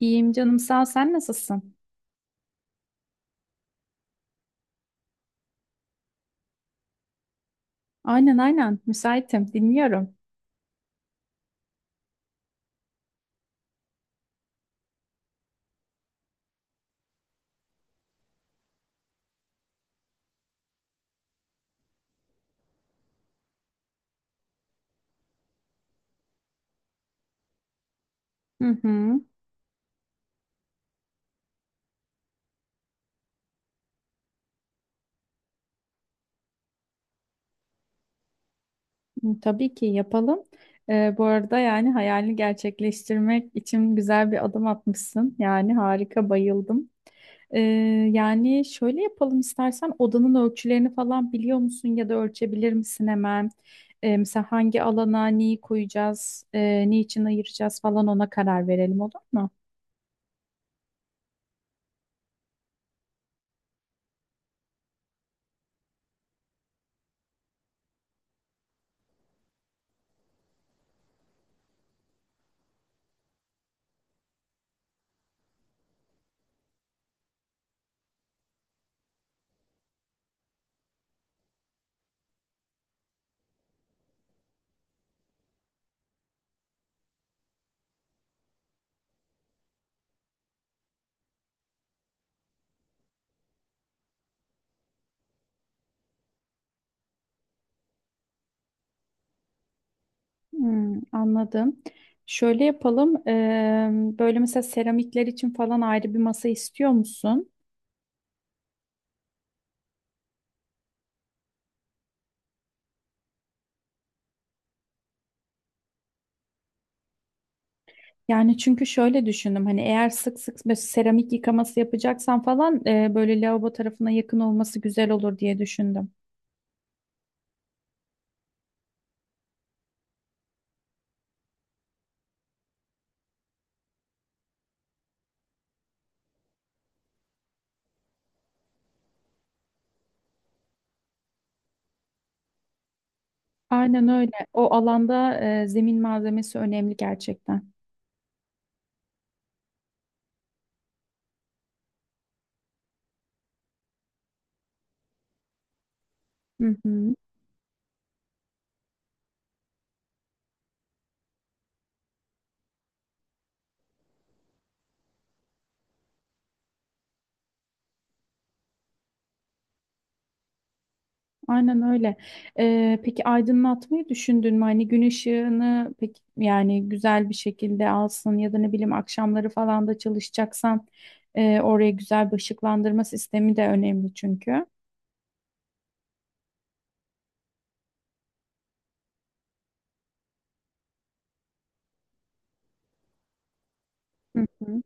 İyiyim canım sağ ol. Sen nasılsın? Aynen, müsaitim, dinliyorum. Hı hı. Hı, tabii ki yapalım. Bu arada, yani hayalini gerçekleştirmek için güzel bir adım atmışsın. Yani harika, bayıldım. Ee, yani şöyle yapalım, istersen odanın ölçülerini falan biliyor musun ya da ölçebilir misin hemen? Mesela hangi alana neyi koyacağız, niçin ayıracağız falan, ona karar verelim, olur mu? Hmm, anladım. Şöyle yapalım. Böyle mesela seramikler için falan ayrı bir masa istiyor musun? Yani çünkü şöyle düşündüm, hani eğer sık sık böyle seramik yıkaması yapacaksan falan böyle lavabo tarafına yakın olması güzel olur diye düşündüm. Aynen öyle. O alanda zemin malzemesi önemli gerçekten. Hı hı. Aynen öyle. Peki aydınlatmayı düşündün mü? Hani gün ışığını peki yani güzel bir şekilde alsın ya da ne bileyim akşamları falan da çalışacaksan oraya güzel bir ışıklandırma sistemi de önemli çünkü. Hı hı.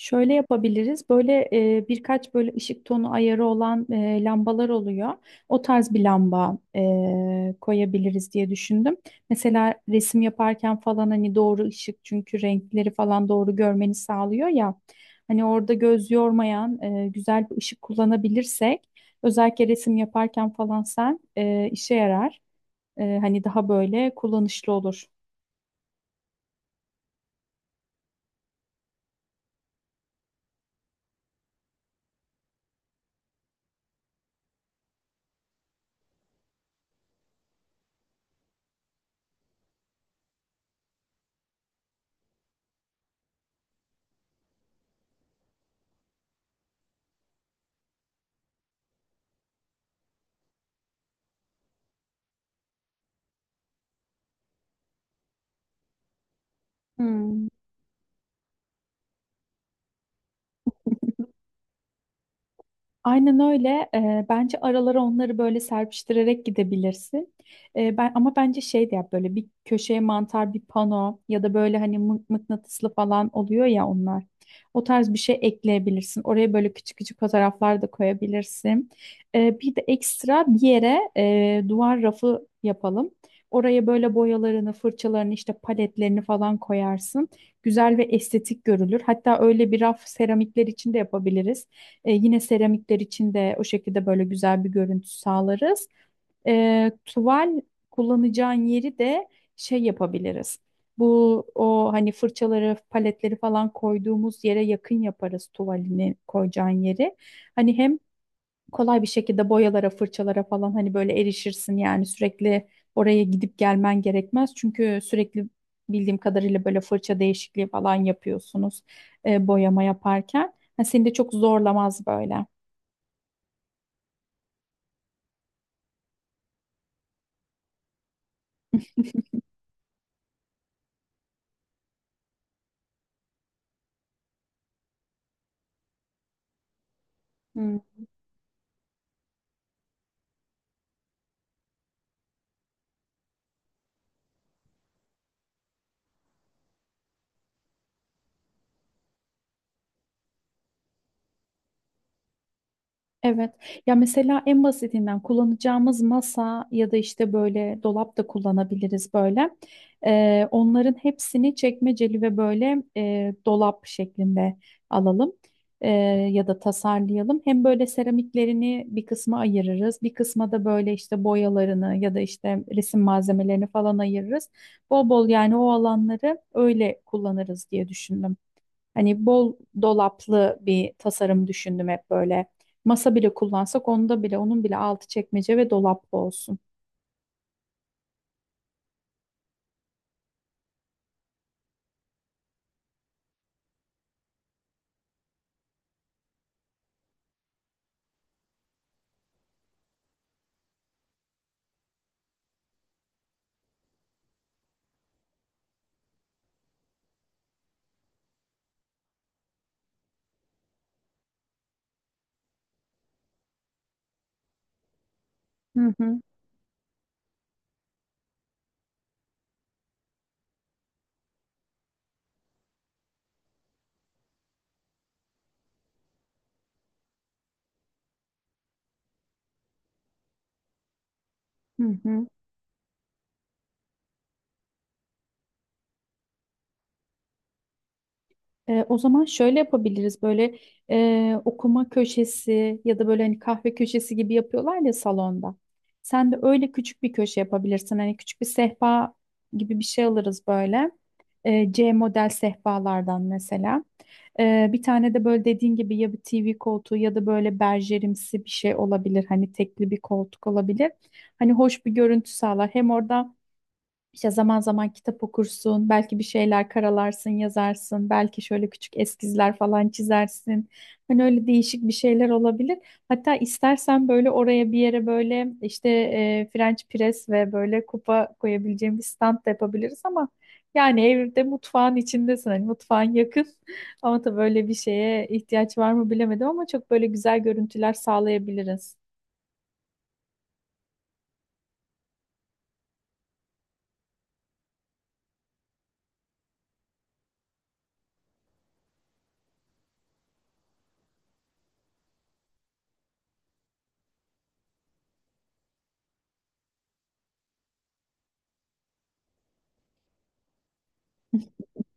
Şöyle yapabiliriz. Böyle birkaç böyle ışık tonu ayarı olan lambalar oluyor. O tarz bir lamba koyabiliriz diye düşündüm. Mesela resim yaparken falan hani doğru ışık, çünkü renkleri falan doğru görmeni sağlıyor ya. Hani orada göz yormayan güzel bir ışık kullanabilirsek özellikle resim yaparken falan sen işe yarar. Hani daha böyle kullanışlı olur. Hmm. Aynen öyle. Bence aralara onları böyle serpiştirerek gidebilirsin. Ben ama bence şey de yap, böyle bir köşeye mantar bir pano ya da böyle hani mıknatıslı falan oluyor ya onlar. O tarz bir şey ekleyebilirsin. Oraya böyle küçük küçük fotoğraflar da koyabilirsin. Bir de ekstra bir yere duvar rafı yapalım. Oraya böyle boyalarını, fırçalarını, işte paletlerini falan koyarsın. Güzel ve estetik görülür. Hatta öyle bir raf seramikler için de yapabiliriz. Yine seramikler için de o şekilde böyle güzel bir görüntü sağlarız. Tuval kullanacağın yeri de şey yapabiliriz. Bu o hani fırçaları, paletleri falan koyduğumuz yere yakın yaparız tuvalini koyacağın yeri. Hani hem kolay bir şekilde boyalara, fırçalara falan hani böyle erişirsin, yani sürekli oraya gidip gelmen gerekmez. Çünkü sürekli bildiğim kadarıyla böyle fırça değişikliği falan yapıyorsunuz boyama yaparken. Ha, seni de çok zorlamaz böyle. Evet. Ya mesela en basitinden kullanacağımız masa ya da işte böyle dolap da kullanabiliriz böyle. Onların hepsini çekmeceli ve böyle dolap şeklinde alalım. Ee, Ya da tasarlayalım. Hem böyle seramiklerini bir kısma ayırırız, bir kısma da böyle işte boyalarını ya da işte resim malzemelerini falan ayırırız. Bol bol yani o alanları öyle kullanırız diye düşündüm. Hani bol dolaplı bir tasarım düşündüm hep böyle. Masa bile kullansak onda bile onun bile altı çekmece ve dolaplı olsun. Hı hı, hı hı. O zaman şöyle yapabiliriz, böyle okuma köşesi ya da böyle hani kahve köşesi gibi yapıyorlar ya salonda. Sen de öyle küçük bir köşe yapabilirsin. Hani küçük bir sehpa gibi bir şey alırız böyle. C model sehpalardan mesela. Bir tane de böyle dediğin gibi ya bir TV koltuğu ya da böyle berjerimsi bir şey olabilir. Hani tekli bir koltuk olabilir. Hani hoş bir görüntü sağlar. Hem orada işte zaman zaman kitap okursun, belki bir şeyler karalarsın, yazarsın, belki şöyle küçük eskizler falan çizersin. Hani öyle değişik bir şeyler olabilir. Hatta istersen böyle oraya bir yere böyle işte French press ve böyle kupa koyabileceğim bir stand da yapabiliriz, ama yani evde mutfağın içindesin, hani mutfağın yakın. Ama tabii böyle bir şeye ihtiyaç var mı bilemedim, ama çok böyle güzel görüntüler sağlayabiliriz.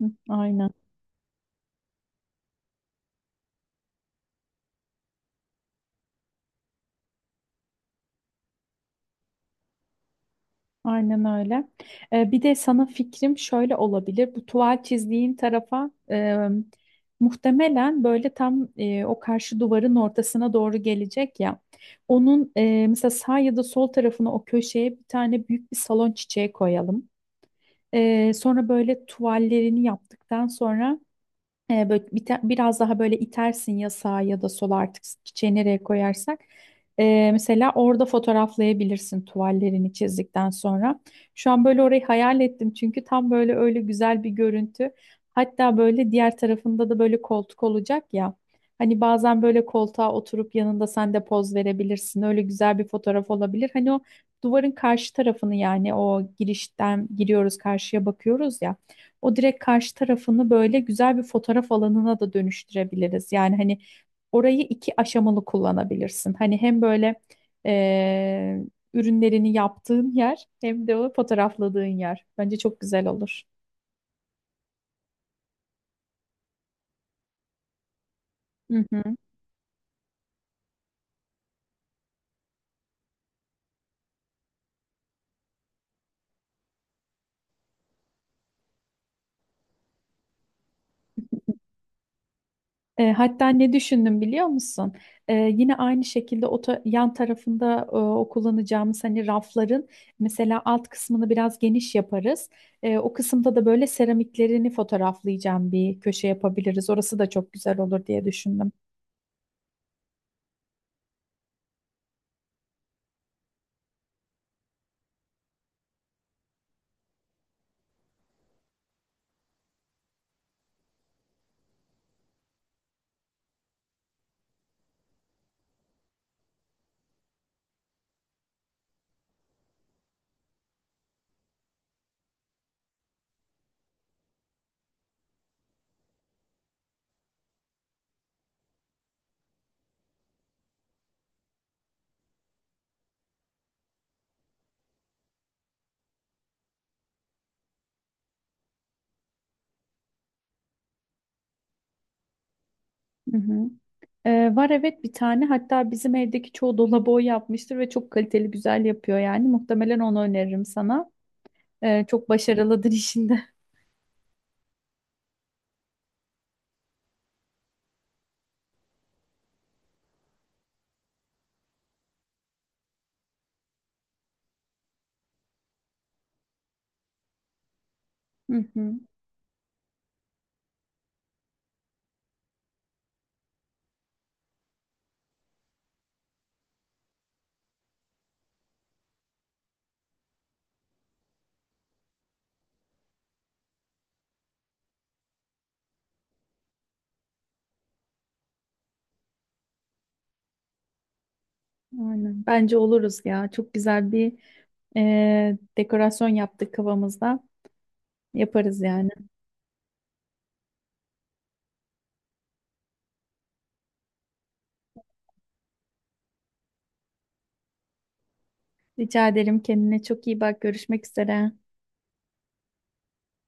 Hı, aynen. Aynen öyle. Bir de sana fikrim şöyle olabilir. Bu tuval çizdiğin tarafa muhtemelen böyle tam o karşı duvarın ortasına doğru gelecek ya. Onun mesela sağ ya da sol tarafına, o köşeye bir tane büyük bir salon çiçeği koyalım. E, sonra böyle tuvallerini yaptıktan sonra biraz daha böyle itersin ya sağa ya da sola, artık çiçeği nereye koyarsak. Mesela orada fotoğraflayabilirsin tuvallerini çizdikten sonra. Şu an böyle orayı hayal ettim çünkü tam böyle öyle güzel bir görüntü. Hatta böyle diğer tarafında da böyle koltuk olacak ya. Hani bazen böyle koltuğa oturup yanında sen de poz verebilirsin. Öyle güzel bir fotoğraf olabilir. Hani o duvarın karşı tarafını, yani o girişten giriyoruz karşıya bakıyoruz ya. O direkt karşı tarafını böyle güzel bir fotoğraf alanına da dönüştürebiliriz. Yani hani orayı iki aşamalı kullanabilirsin. Hani hem böyle eee, ürünlerini yaptığın yer hem de o fotoğrafladığın yer. Bence çok güzel olur. Hatta ne düşündüm biliyor musun? Yine aynı şekilde o yan tarafında, o kullanacağımız hani rafların mesela alt kısmını biraz geniş yaparız. O kısımda da böyle seramiklerini fotoğraflayacağım bir köşe yapabiliriz. Orası da çok güzel olur diye düşündüm. Hı hı. Var, evet, bir tane, hatta bizim evdeki çoğu dolabı o yapmıştır ve çok kaliteli, güzel yapıyor, yani muhtemelen onu öneririm sana. Çok başarılıdır işinde. Hı hı. Aynen. Bence oluruz ya. Çok güzel bir dekorasyon yaptık kafamızda. Yaparız yani. Rica ederim, kendine çok iyi bak. Görüşmek üzere.